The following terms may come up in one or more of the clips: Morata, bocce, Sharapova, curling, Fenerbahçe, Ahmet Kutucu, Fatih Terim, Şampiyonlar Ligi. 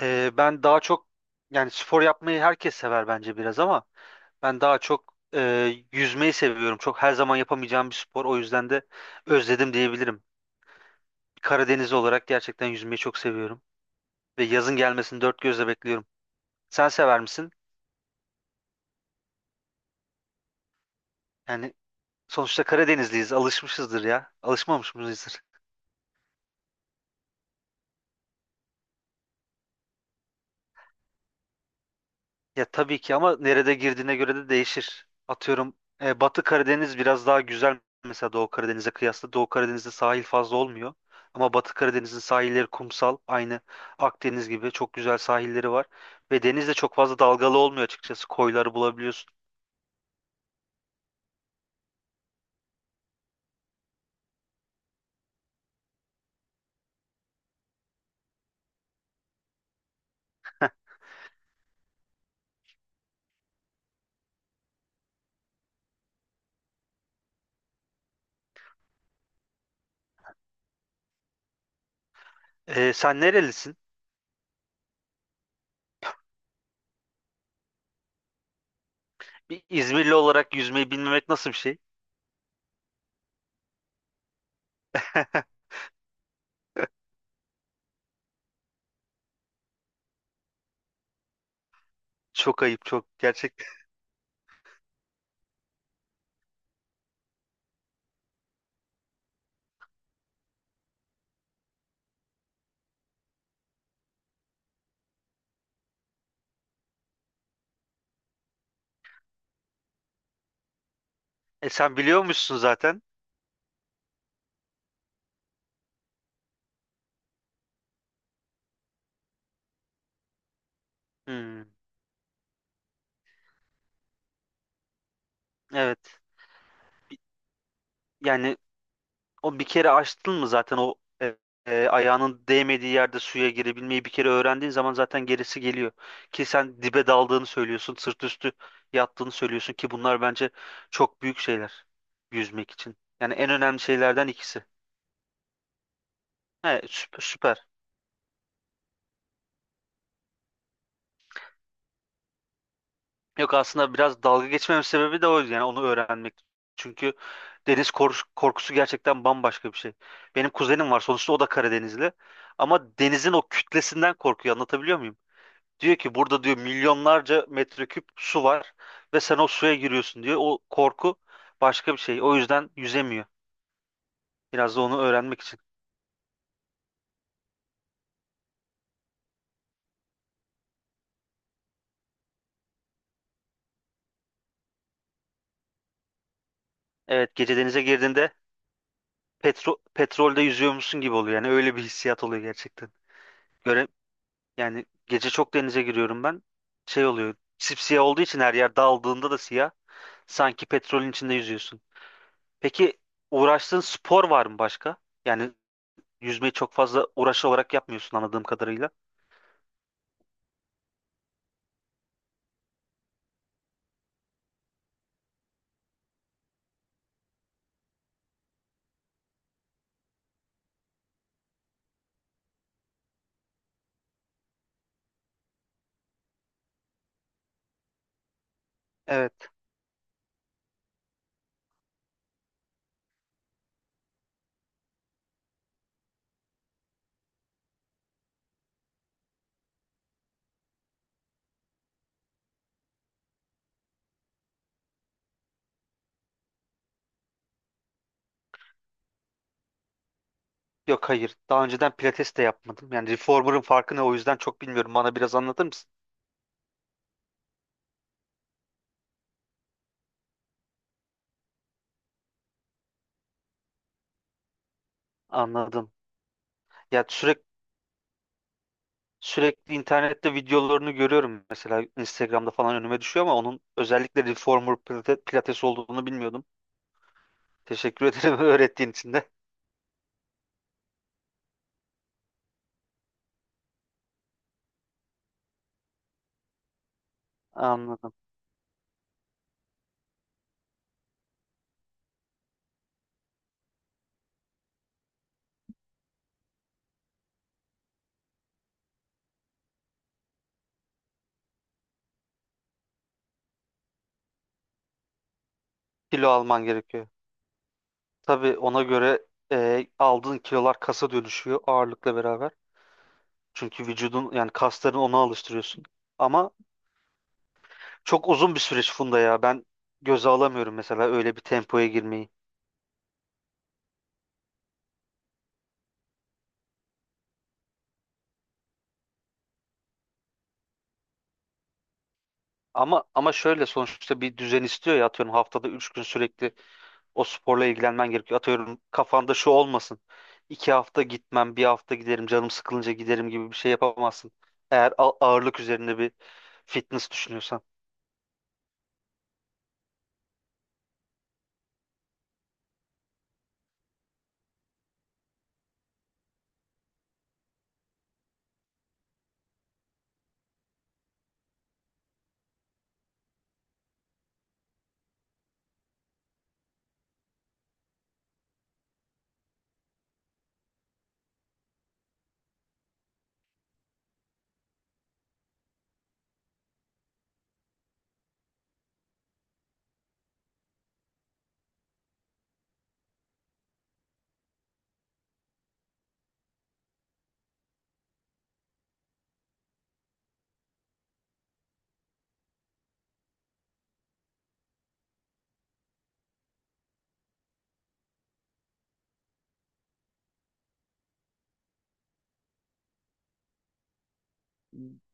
Ben daha çok yani spor yapmayı herkes sever bence biraz ama ben daha çok yüzmeyi seviyorum. Çok her zaman yapamayacağım bir spor. O yüzden de özledim diyebilirim. Karadenizli olarak gerçekten yüzmeyi çok seviyorum. Ve yazın gelmesini dört gözle bekliyorum. Sen sever misin? Yani sonuçta Karadenizliyiz. Alışmışızdır ya. Alışmamış mıyızdır? Ya tabii ki ama nerede girdiğine göre de değişir. Atıyorum Batı Karadeniz biraz daha güzel mesela Doğu Karadeniz'e kıyasla. Doğu Karadeniz'de sahil fazla olmuyor. Ama Batı Karadeniz'in sahilleri kumsal. Aynı Akdeniz gibi çok güzel sahilleri var. Ve deniz de çok fazla dalgalı olmuyor açıkçası. Koyları bulabiliyorsun. E, sen nerelisin? Bir İzmirli olarak yüzmeyi bilmemek nasıl bir şey? Çok ayıp, çok gerçekten. E, sen biliyormuşsun zaten. Hmm, evet. Yani o bir kere açtın mı zaten e, ayağının değmediği yerde suya girebilmeyi bir kere öğrendiğin zaman zaten gerisi geliyor. Ki sen dibe daldığını söylüyorsun, sırt üstü yattığını söylüyorsun ki bunlar bence çok büyük şeyler yüzmek için. Yani en önemli şeylerden ikisi. He, süper, süper. Yok, aslında biraz dalga geçmemin sebebi de o, yani onu öğrenmek. Çünkü korkusu gerçekten bambaşka bir şey. Benim kuzenim var, sonuçta o da Karadenizli. Ama denizin o kütlesinden korkuyor, anlatabiliyor muyum? Diyor ki burada diyor milyonlarca metreküp su var ve sen o suya giriyorsun diyor. O korku başka bir şey. O yüzden yüzemiyor. Biraz da onu öğrenmek için. Evet, gece denize girdiğinde petrolde yüzüyormuşsun gibi oluyor. Yani öyle bir hissiyat oluyor gerçekten. Göre yani gece çok denize giriyorum ben. Şey oluyor. Sipsiyah olduğu için her yer, daldığında da siyah. Sanki petrolün içinde yüzüyorsun. Peki uğraştığın spor var mı başka? Yani yüzmeyi çok fazla uğraşı olarak yapmıyorsun anladığım kadarıyla. Evet. Yok, hayır. Daha önceden pilates de yapmadım. Yani reformer'ın farkı ne, o yüzden çok bilmiyorum. Bana biraz anlatır mısın? Anladım. Ya sürekli internette videolarını görüyorum. Mesela Instagram'da falan önüme düşüyor ama onun özellikle pilates olduğunu bilmiyordum. Teşekkür ederim öğrettiğin için de. Anladım. Kilo alman gerekiyor. Tabii ona göre aldığın kilolar kasa dönüşüyor ağırlıkla beraber. Çünkü vücudun, yani kasların ona alıştırıyorsun. Ama çok uzun bir süreç Funda ya. Ben göze alamıyorum mesela öyle bir tempoya girmeyi. Ama şöyle, sonuçta bir düzen istiyor ya, atıyorum haftada 3 gün sürekli o sporla ilgilenmen gerekiyor. Atıyorum kafanda şu olmasın. 2 hafta gitmem, bir hafta giderim, canım sıkılınca giderim gibi bir şey yapamazsın. Eğer ağırlık üzerinde bir fitness düşünüyorsan.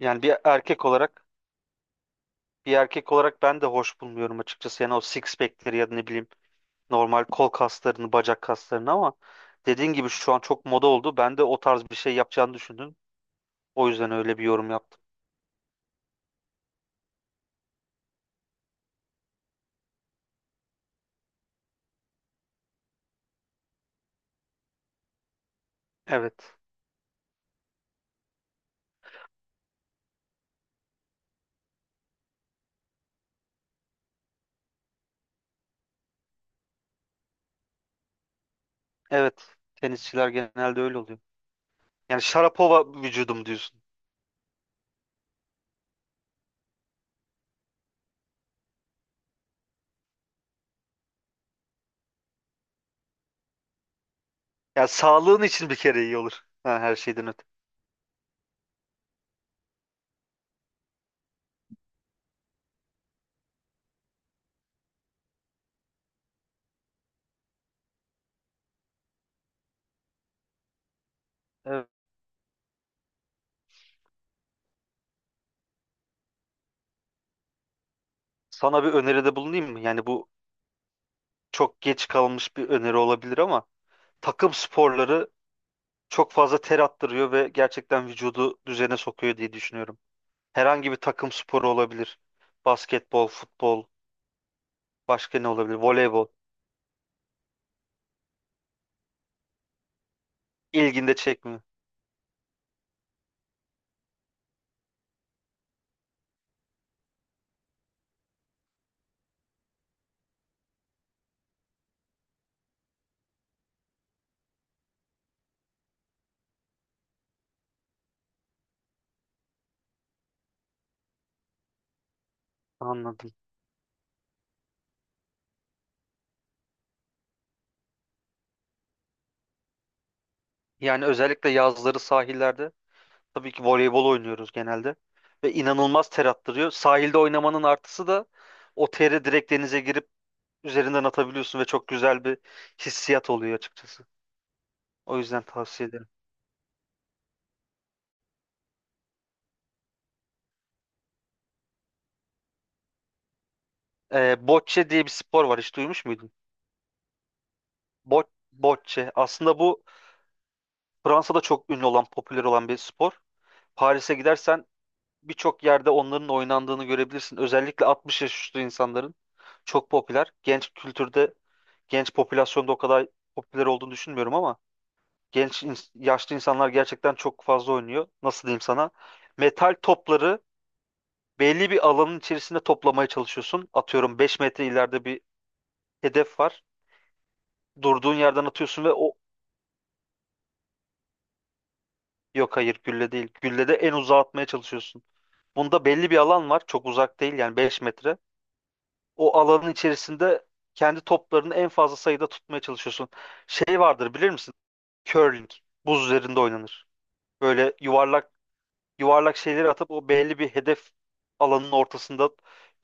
Yani bir erkek olarak Bir erkek olarak ben de hoş bulmuyorum açıkçası. Yani o six pack'leri ya da ne bileyim, normal kol kaslarını, bacak kaslarını ama dediğin gibi şu an çok moda oldu. Ben de o tarz bir şey yapacağını düşündüm. O yüzden öyle bir yorum yaptım. Evet. Evet. Tenisçiler genelde öyle oluyor. Yani Sharapova vücudum diyorsun. Yani sağlığın için bir kere iyi olur. Ha, her şeyden öte. Evet. Sana bir öneride bulunayım mı? Yani bu çok geç kalmış bir öneri olabilir ama takım sporları çok fazla ter attırıyor ve gerçekten vücudu düzene sokuyor diye düşünüyorum. Herhangi bir takım sporu olabilir. Basketbol, futbol, başka ne olabilir? Voleybol. İlginde çekmiyor. Anladım. Yani özellikle yazları sahillerde tabii ki voleybol oynuyoruz genelde. Ve inanılmaz ter attırıyor. Sahilde oynamanın artısı da o teri direkt denize girip üzerinden atabiliyorsun ve çok güzel bir hissiyat oluyor açıkçası. O yüzden tavsiye ederim. Bocce diye bir spor var. Hiç duymuş muydun? Bo bocce. Aslında bu Fransa'da çok ünlü olan, popüler olan bir spor. Paris'e gidersen birçok yerde onların oynandığını görebilirsin. Özellikle 60 yaş üstü insanların çok popüler. Genç popülasyonda o kadar popüler olduğunu düşünmüyorum ama yaşlı insanlar gerçekten çok fazla oynuyor. Nasıl diyeyim sana? Metal topları belli bir alanın içerisinde toplamaya çalışıyorsun. Atıyorum 5 metre ileride bir hedef var. Durduğun yerden atıyorsun ve o, yok hayır, gülle değil. Gülle de en uzağa atmaya çalışıyorsun. Bunda belli bir alan var. Çok uzak değil, yani 5 metre. O alanın içerisinde kendi toplarını en fazla sayıda tutmaya çalışıyorsun. Şey vardır, bilir misin? Curling. Buz üzerinde oynanır. Böyle yuvarlak şeyleri atıp o belli bir hedef alanının ortasında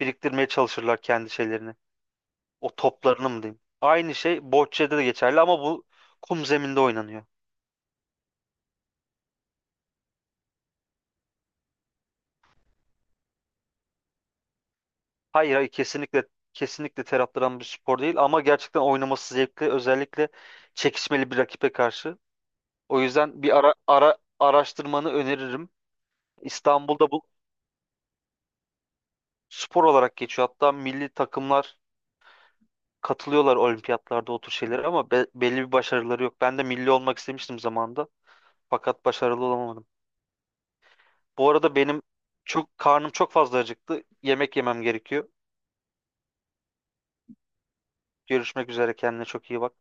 biriktirmeye çalışırlar kendi şeylerini. O toplarını mı diyeyim? Aynı şey bocce'de de geçerli ama bu kum zeminde oynanıyor. Hayır, kesinlikle ter attıran bir spor değil ama gerçekten oynaması zevkli, özellikle çekişmeli bir rakibe karşı. O yüzden bir araştırmanı öneririm. İstanbul'da bu spor olarak geçiyor. Hatta milli takımlar katılıyorlar olimpiyatlarda o tür şeylere ama belli bir başarıları yok. Ben de milli olmak istemiştim zamanında fakat başarılı olamadım. Bu arada benim karnım çok fazla acıktı. Yemek yemem gerekiyor. Görüşmek üzere, kendine çok iyi bak.